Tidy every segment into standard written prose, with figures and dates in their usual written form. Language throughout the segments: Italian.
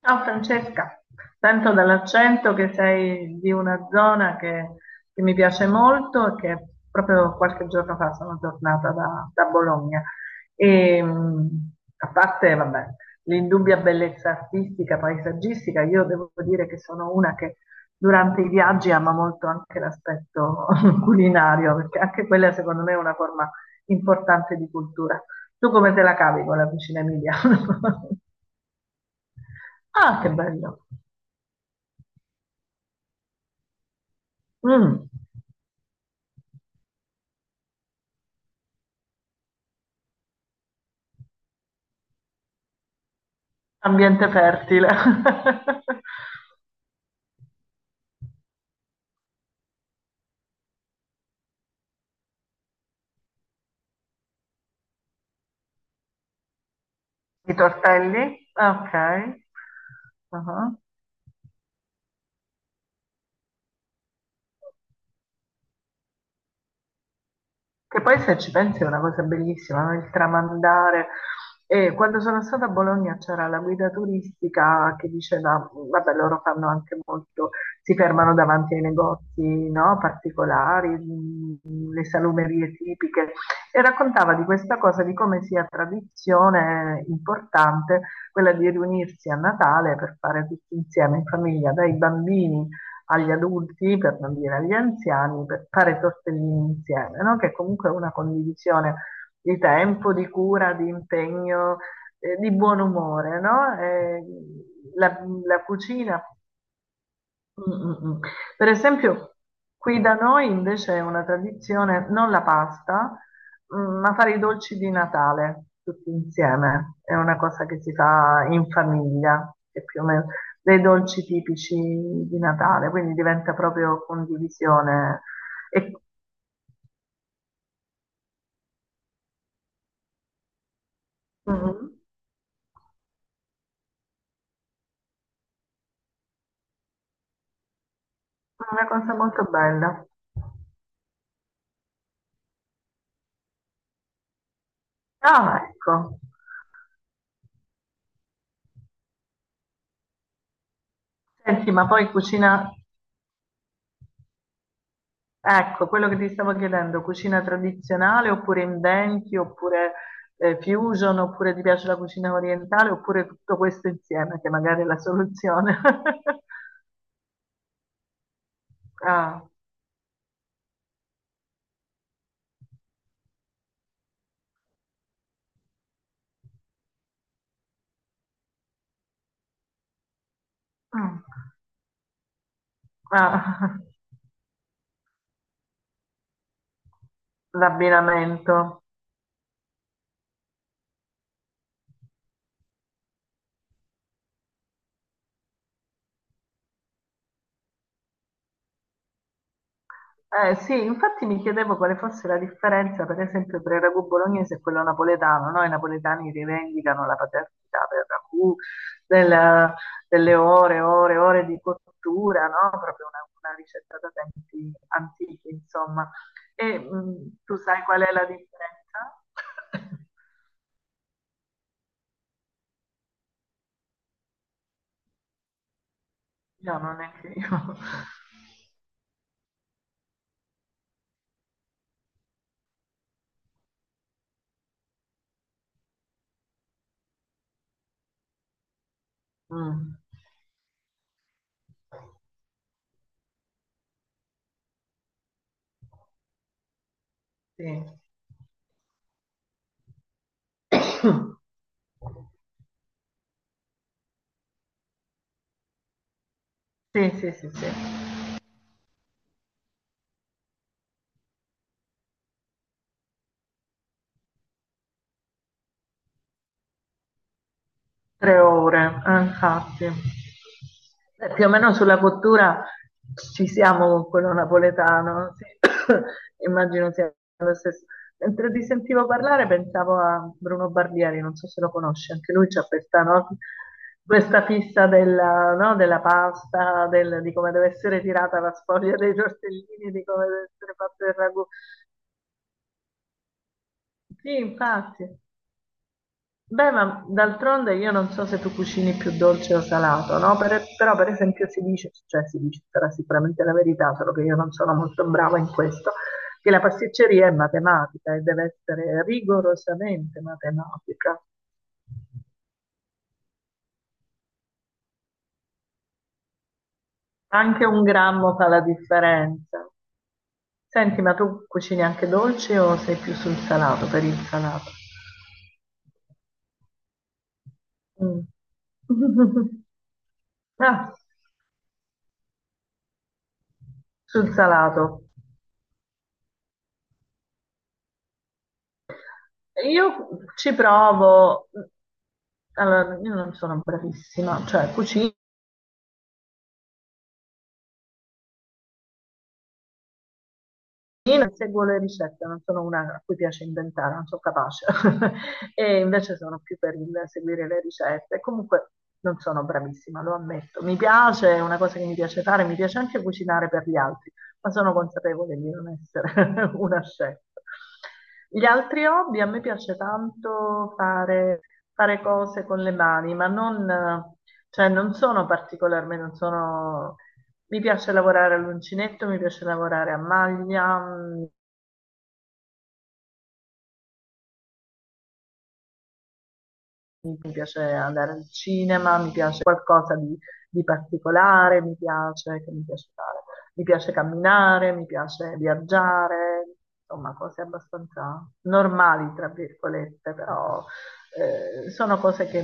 Ciao Francesca, sento dall'accento che sei di una zona che mi piace molto e che proprio qualche giorno fa sono tornata da Bologna. E, mh, A parte, vabbè, l'indubbia bellezza artistica, paesaggistica, io devo dire che sono una che durante i viaggi ama molto anche l'aspetto culinario, perché anche quella secondo me è una forma importante di cultura. Tu come te la cavi con la cucina Emilia? Ah, che bello! Mh, Ambiente fertile. I tortelli? Ah, okay. Ah-ah. Che poi se ci pensi è una cosa bellissima, no? Il tramandare. E quando sono stata a Bologna c'era la guida turistica che diceva, vabbè, loro fanno anche molto, si fermano davanti ai negozi, no? Particolari, le salumerie tipiche, e raccontava di questa cosa, di come sia tradizione importante quella di riunirsi a Natale per fare tutti insieme in famiglia, dai bambini agli adulti, per non dire agli anziani, per fare tortellini insieme, no? Che comunque è una condivisione di tempo, di cura, di impegno, di buon umore, no? La cucina. Mm, mm, mm. Per esempio, qui da noi invece è una tradizione non la pasta, mm, ma fare i dolci di Natale tutti insieme. È una cosa che si fa in famiglia, che più o meno dei dolci tipici di Natale, quindi diventa proprio condivisione. E, mm, mm, una cosa molto bella. Ah, ecco. Senti, ma poi cucina, ecco, quello che ti stavo chiedendo, cucina tradizionale oppure inventi, oppure fusion, oppure ti piace la cucina orientale, oppure tutto questo insieme, che magari è la soluzione. Ah, mm, ah, l'abbinamento. Sì, infatti mi chiedevo quale fosse la differenza, per esempio, tra il ragù bolognese e quello napoletano, no? I napoletani rivendicano la paternità del ragù, del- delle ore, ore, ore di cottura, no? Proprio una ricetta da tempi antichi, insomma. E tu sai qual è la differenza? No, non neanche io. Mm, sì. Sì, sì, sì, sì. Tre ore, infatti. Più o meno sulla cottura ci siamo con quello napoletano, sì. Immagino sia lo stesso. Mentre ti sentivo parlare pensavo a Bruno Barbieri, non so se lo conosci, anche lui c'ha questa, no? Questa fissa della, no? Della pasta, di come deve essere tirata la sfoglia dei tortellini, di come deve essere fatto il ragù. Sì, infatti. Beh, ma d'altronde io non so se tu cucini più dolce o salato, no? Però per esempio si dice, cioè si dice, sarà sicuramente la verità, solo che io non sono molto brava in questo, che la pasticceria è matematica e deve essere rigorosamente matematica. Anche un grammo fa la differenza. Senti, ma tu cucini anche dolce o sei più sul salato, per il salato? Mm. Ah, sul salato. Io ci provo, allora, io non sono bravissima, cioè cucino, io non seguo le ricette, non sono una a cui piace inventare, non sono capace. E invece sono più per il seguire le ricette. Comunque non sono bravissima, lo ammetto. Mi piace, è una cosa che mi piace fare, mi piace anche cucinare per gli altri, ma sono consapevole di non essere una chef. Gli altri hobby, a me piace tanto fare, fare cose con le mani, ma non, cioè non sono particolarmente, non sono mi piace lavorare all'uncinetto, mi piace lavorare a maglia, mm, mi piace andare al cinema, mi piace qualcosa di particolare, mi piace, che mi piace fare? Mi piace camminare, mi piace viaggiare, insomma, cose abbastanza normali, tra virgolette, però sono cose che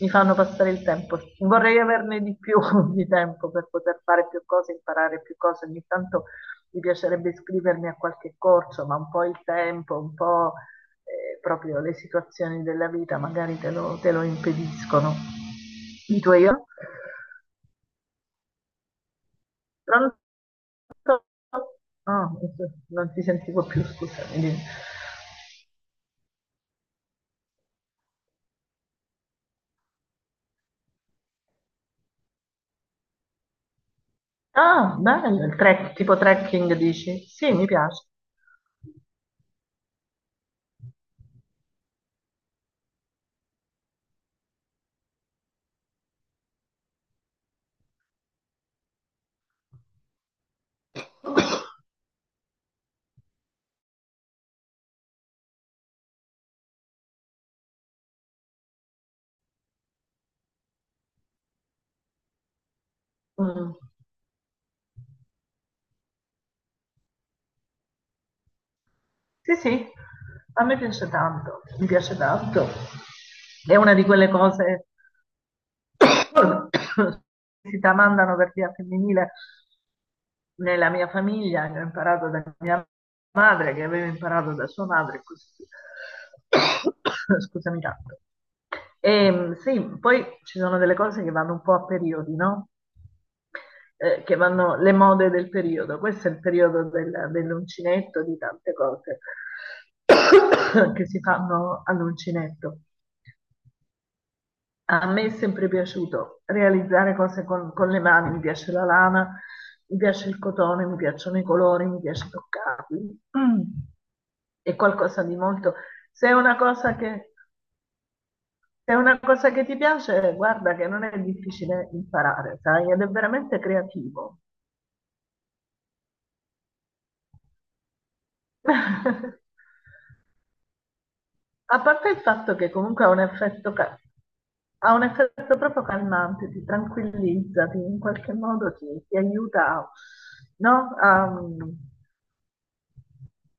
mi fanno passare il tempo. Vorrei averne di più di tempo per poter fare più cose, imparare più cose. Ogni tanto mi piacerebbe iscrivermi a qualche corso, ma un po' il tempo, un po' proprio le situazioni della vita magari te lo impediscono. I tuoi io? Pronto? Ah, non ti sentivo più, scusami. Dimmi. Ah, bello, il trek, tipo trekking dici? Sì, mi piace. Mm. Sì, sì, a me piace tanto, mi piace tanto. È una di quelle cose si tramandano per via femminile nella mia famiglia, che ho imparato da mia madre, che aveva imparato da sua madre, e così via. Scusami tanto. E, sì, poi ci sono delle cose che vanno un po' a periodi, no? Che vanno le mode del periodo. Questo è il periodo dell'uncinetto, di tante cose che si fanno all'uncinetto. A me è sempre piaciuto realizzare cose con le mani, mi piace la lana, mi piace il cotone, mi piacciono i colori, mi piace toccarli. È qualcosa di molto... Se è una cosa che, se è una cosa che ti piace, guarda che non è difficile imparare, sai, ed è veramente creativo. A parte il fatto che comunque ha un effetto, ha un effetto proprio calmante, ti tranquillizza, ti- in qualche modo ti, ti aiuta, no? A,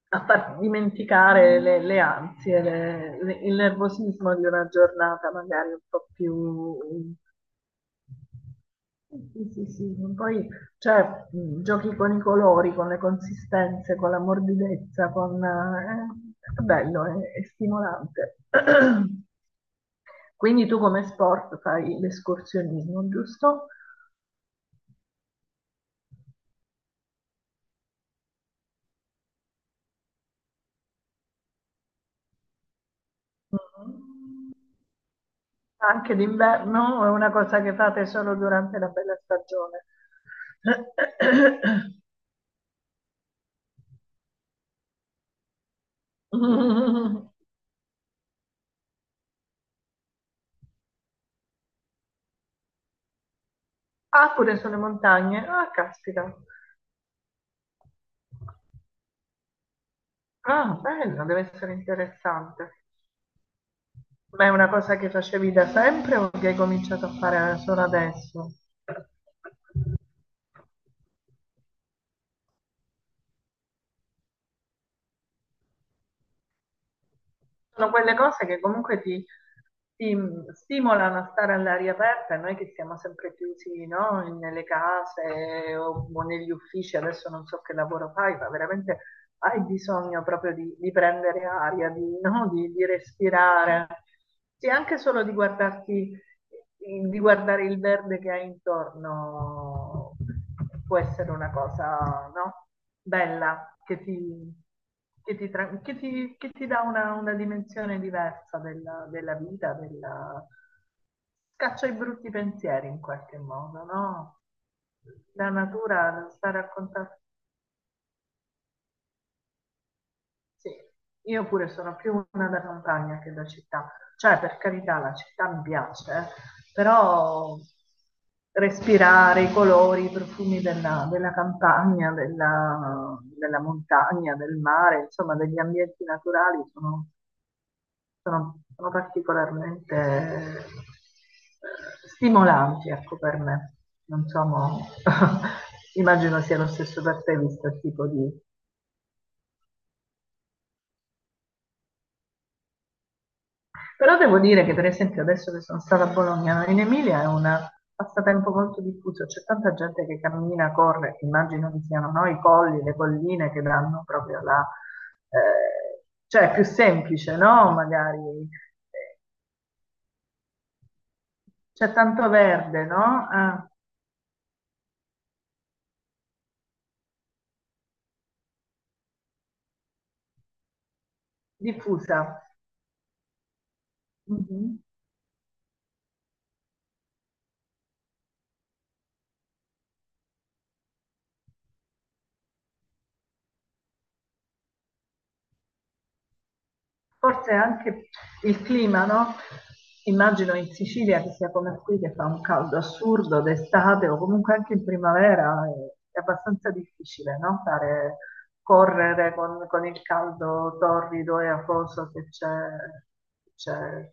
a far dimenticare le ansie, le- il nervosismo di una giornata magari un po' più... Sì, sì, sì. Poi, cioè, giochi con i colori, con le consistenze, con la morbidezza, con... è bello, è stimolante. Quindi tu come sport fai l'escursionismo, giusto? Mhm. Anche d'inverno o è una cosa che fate solo durante la bella stagione? Mm. Ah, pure sulle montagne. Ah, caspita. Ah, bello, deve essere interessante. Ma è una cosa che facevi da sempre o che hai cominciato a fare solo adesso? Sono quelle cose che comunque ti, ti stimolano a stare all'aria aperta, e noi che siamo sempre chiusi, no? Nelle case o negli uffici, adesso non so che lavoro fai, ma veramente hai bisogno proprio di prendere aria, di, no? Di respirare. Sì, anche solo di guardarti di guardare il verde che hai intorno può essere una cosa, no? Bella, che ti, tra- che ti dà una dimensione diversa della, della vita, della... scaccia i brutti pensieri in qualche modo, no? La natura sta a contatto sì, io pure sono più una da campagna che da città, cioè per carità la città mi piace, però respirare i colori, i profumi della, della campagna, della, della montagna, del mare, insomma degli ambienti naturali sono, sono- sono particolarmente stimolanti, ecco, per me. Non so, mo- immagino sia lo stesso per te, visto il tipo di però devo dire che per esempio adesso che sono stata a Bologna, in Emilia è un passatempo molto diffuso, c'è tanta gente che cammina, corre, immagino che siano no, i colli, le colline che danno proprio la... cioè è più semplice, no? Magari eh, c'è tanto verde, no? Ah, diffusa. Mhm. Forse anche il clima, no? Immagino in Sicilia che sia come qui, che fa un caldo assurdo d'estate o comunque anche in primavera, è abbastanza difficile, no? Fare, correre con il caldo torrido e afoso che c'è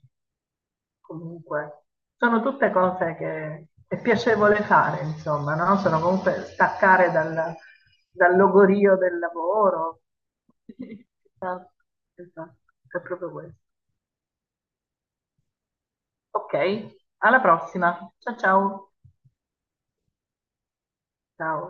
comunque sono tutte cose che è piacevole fare, insomma, no? Sono comunque staccare dal, dal logorio del lavoro. Esatto, esatto, è proprio questo. Ok, alla prossima. Ciao ciao. Ciao.